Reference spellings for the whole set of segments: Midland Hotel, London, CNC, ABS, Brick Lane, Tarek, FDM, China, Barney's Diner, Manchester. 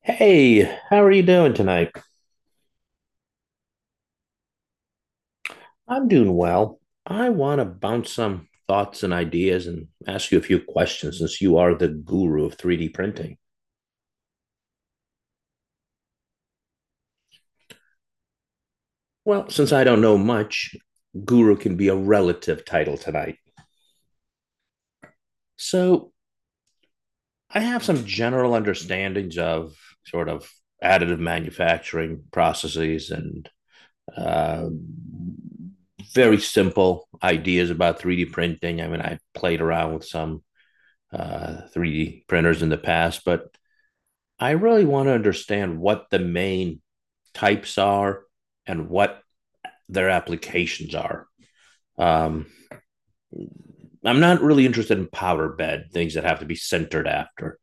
Hey, how are you doing tonight? I'm doing well. I want to bounce some thoughts and ideas and ask you a few questions since you are the guru of 3D printing. Well, since I don't know much, guru can be a relative title tonight. So, I have some general understandings of sort of additive manufacturing processes and uh, very simple ideas about 3D printing. I mean, I played around with some 3D printers in the past, but I really want to understand what the main types are and what their applications are. Um, I'm not really interested in powder bed, things that have to be centered after,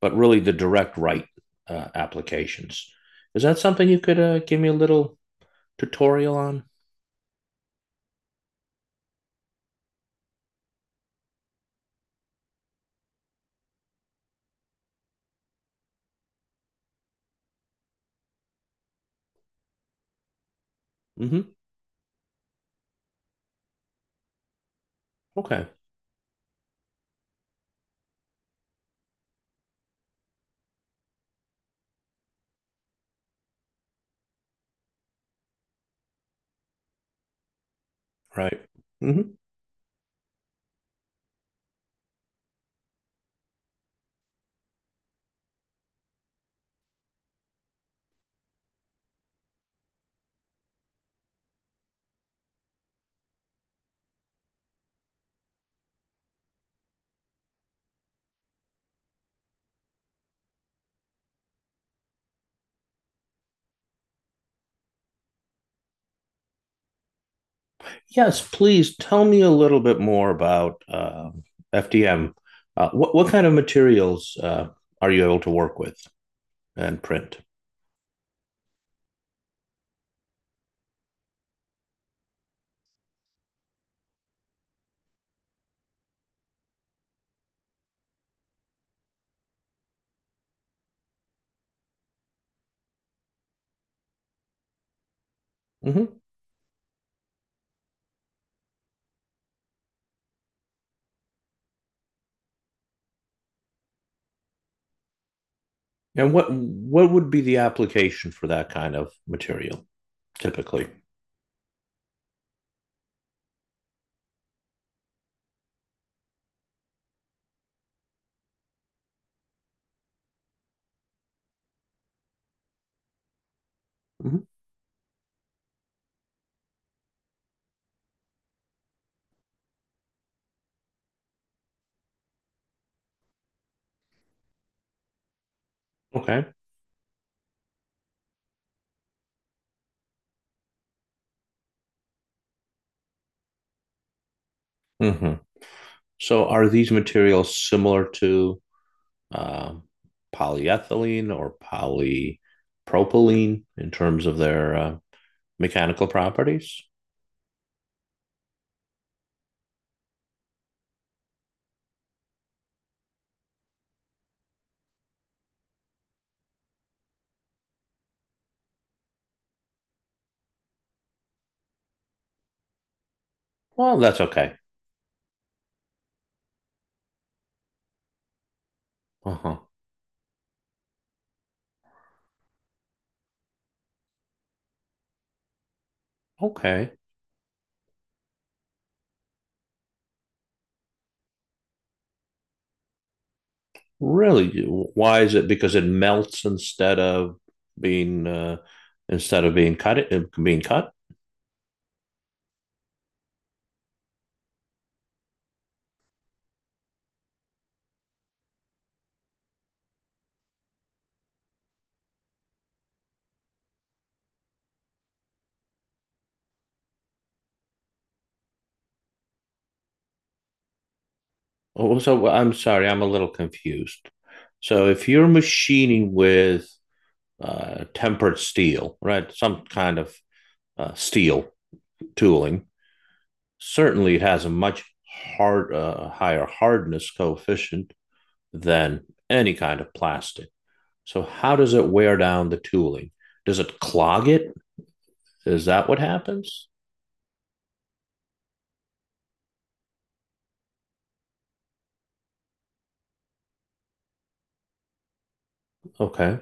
but really the direct write applications. Is that something you could give me a little tutorial on? Hmm. Okay. Right. Hmm. Yes, please tell me a little bit more about FDM. What kind of materials are you able to work with and print? Mm-hmm. And what would be the application for that kind of material typically? Mhm. Okay. Hmm. So are these materials similar to um polyethylene or polypropylene in terms of their mechanical properties? Well, that's okay. Uh-huh. Okay. Really? Why is it? Because it melts being uh, instead of being cut. Oh, so well, I'm sorry, I'm a little confused. So if you're machining with tempered steel, right, some kind of steel tooling, certainly it has a much higher hardness coefficient than any kind of plastic. So how does it wear down the tooling? Does it clog it? Is that what happens? Okay.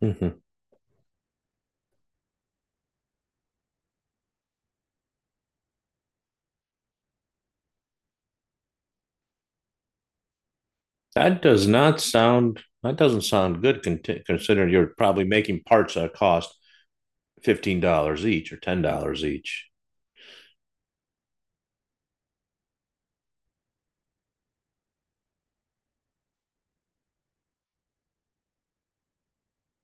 Hmm. That does not sound. That doesn't sound good. Considering you're probably making parts that cost $15 each or $10 each.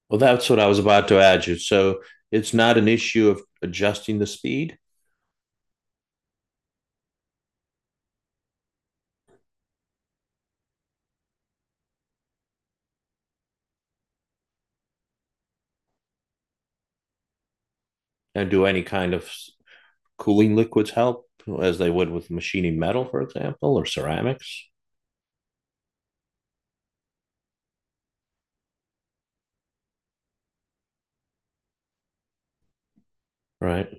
Well, that's what I was about to add you. So it's not an issue of adjusting the speed and do any kind of cooling liquids help as they would with machining metal, for example, or ceramics, right?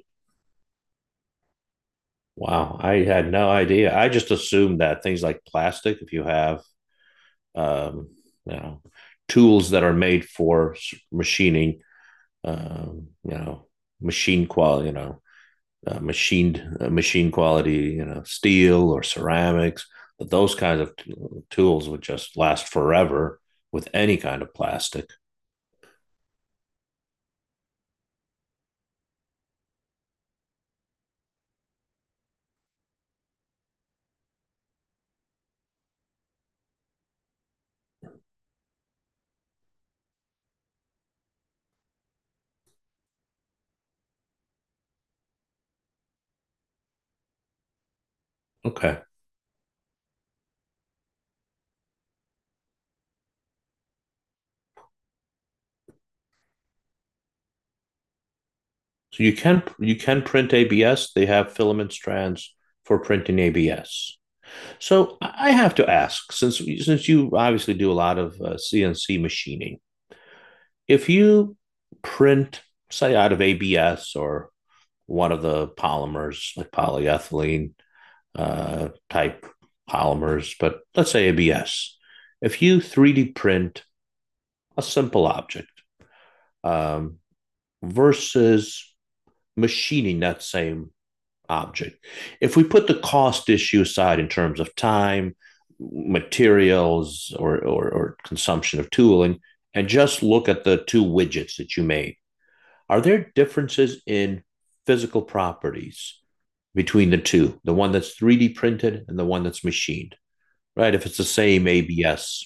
Wow, I had no idea. I just assumed that things like plastic, if you have, um, you know, tools that are made for machining, you know, machine quality, machine quality, steel or ceramics. But those kinds of tools would just last forever with any kind of plastic. Okay, so you can print ABS. They have filament strands for printing ABS. So I have to ask, since you obviously do a lot of CNC machining, if you print, say, out of ABS or one of the polymers like polyethylene, type polymers, but let's say ABS. If you 3D print a simple object um, versus machining that same object, if we put the cost issue aside in terms of time, materials, or consumption of tooling, and just look at the two widgets that you made, are there differences in physical properties between the two, the one that's 3D printed and the one that's machined? Right, if it's the same ABS.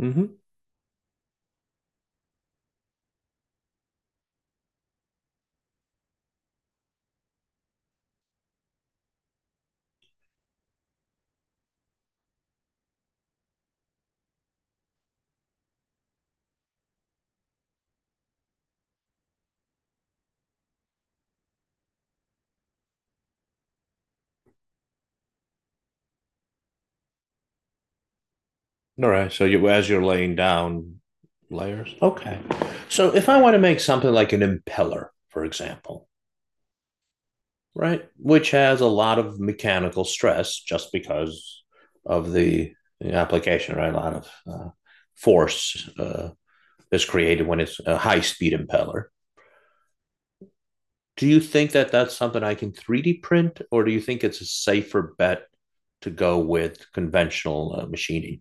Mm-hmm. All right, so you as you're laying down layers. Okay. So if I want to make something like an impeller, for example, right, which has a lot of mechanical stress just because of the application, right, a lot of force. Is created when it's a high speed impeller. Do you think that that's something I can 3D print, or do you think it's a safer bet to go with conventional machining?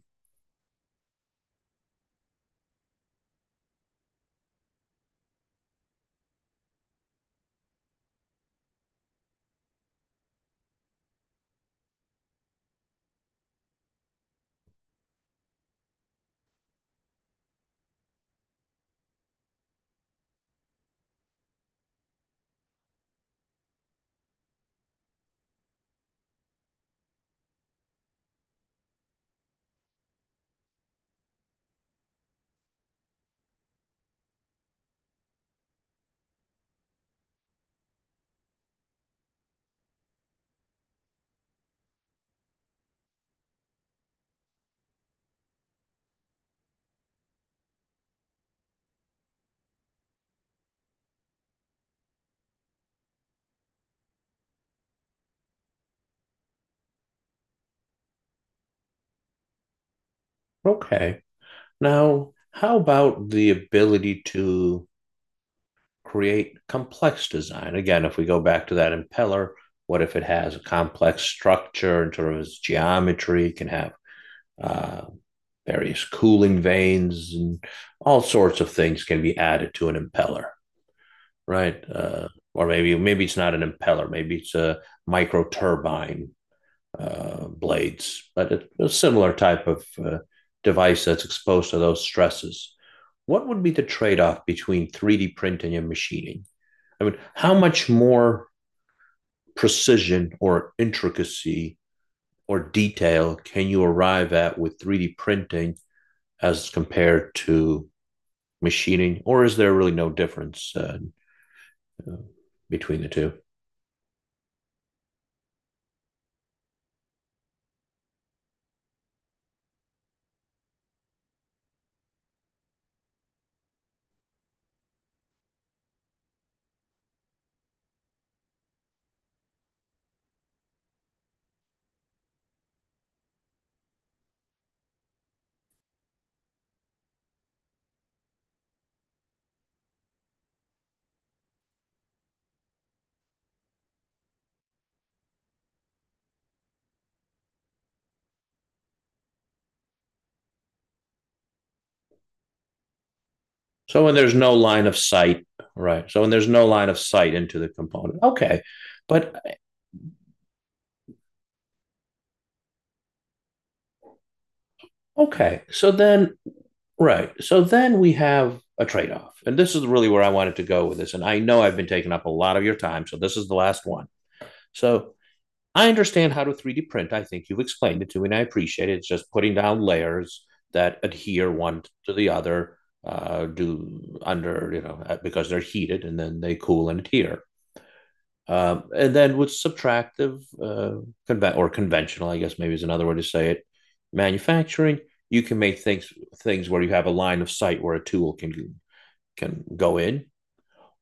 Okay. Now, how about the ability to create complex design? Again, if we go back to that impeller, what if it has a complex structure in terms of its geometry, can have uh, various cooling vanes and all sorts of things can be added to an impeller, right? Or maybe it's not an impeller, maybe it's a micro turbine blades, a similar type of device that's exposed to those stresses. What would be the trade off between 3D printing and machining? I mean, how much more precision or intricacy or detail can you arrive at with 3D printing as compared to machining, or is there really no difference between the two? So when there's no line of sight, right? So when there's no line of sight into the component, okay, but okay. So then, right. So then we have a trade off. And this is really where I wanted to go with this. And I know I've been taking up a lot of your time. So this is the last one. So I understand how to 3D print. I think you've explained it to me, and I appreciate it. It's just putting down layers that adhere one to the other, do under, you know, because they're heated and then they cool and adhere. And then with subtractive or conventional, I guess maybe is another way to say it, manufacturing, you can make things where you have a line of sight where a tool can go in,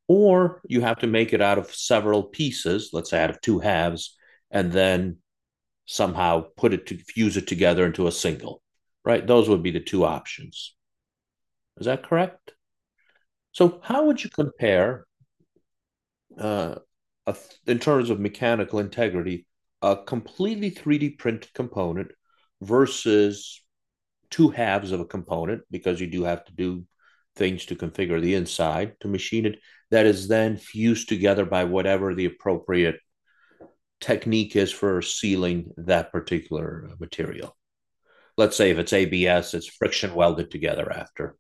or you have to make it out of several pieces, let's say out of two halves, and then somehow put it to fuse it together into a single, right? Those would be the two options. Is that correct? So, how would you compare, uh, a in terms of mechanical integrity, a completely 3D printed component versus two halves of a component, because you do have to do things to configure the inside to machine it, that is then fused together by whatever the appropriate technique is for sealing that particular material? Let's say if it's ABS, it's friction welded together after.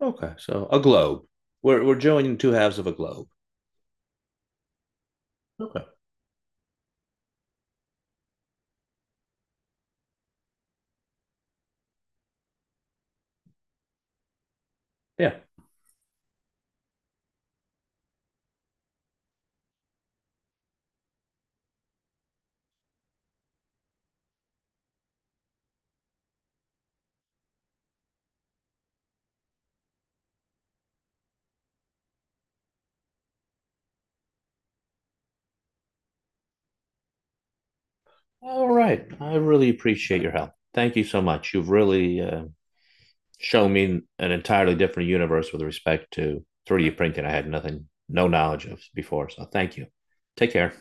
Okay, so a globe. We're joining two halves of a globe. Okay. Yeah. All right. I really appreciate your help. Thank you so much. You've really show me an entirely different universe with respect to 3D printing I had nothing, no knowledge of before. So thank you. Take care.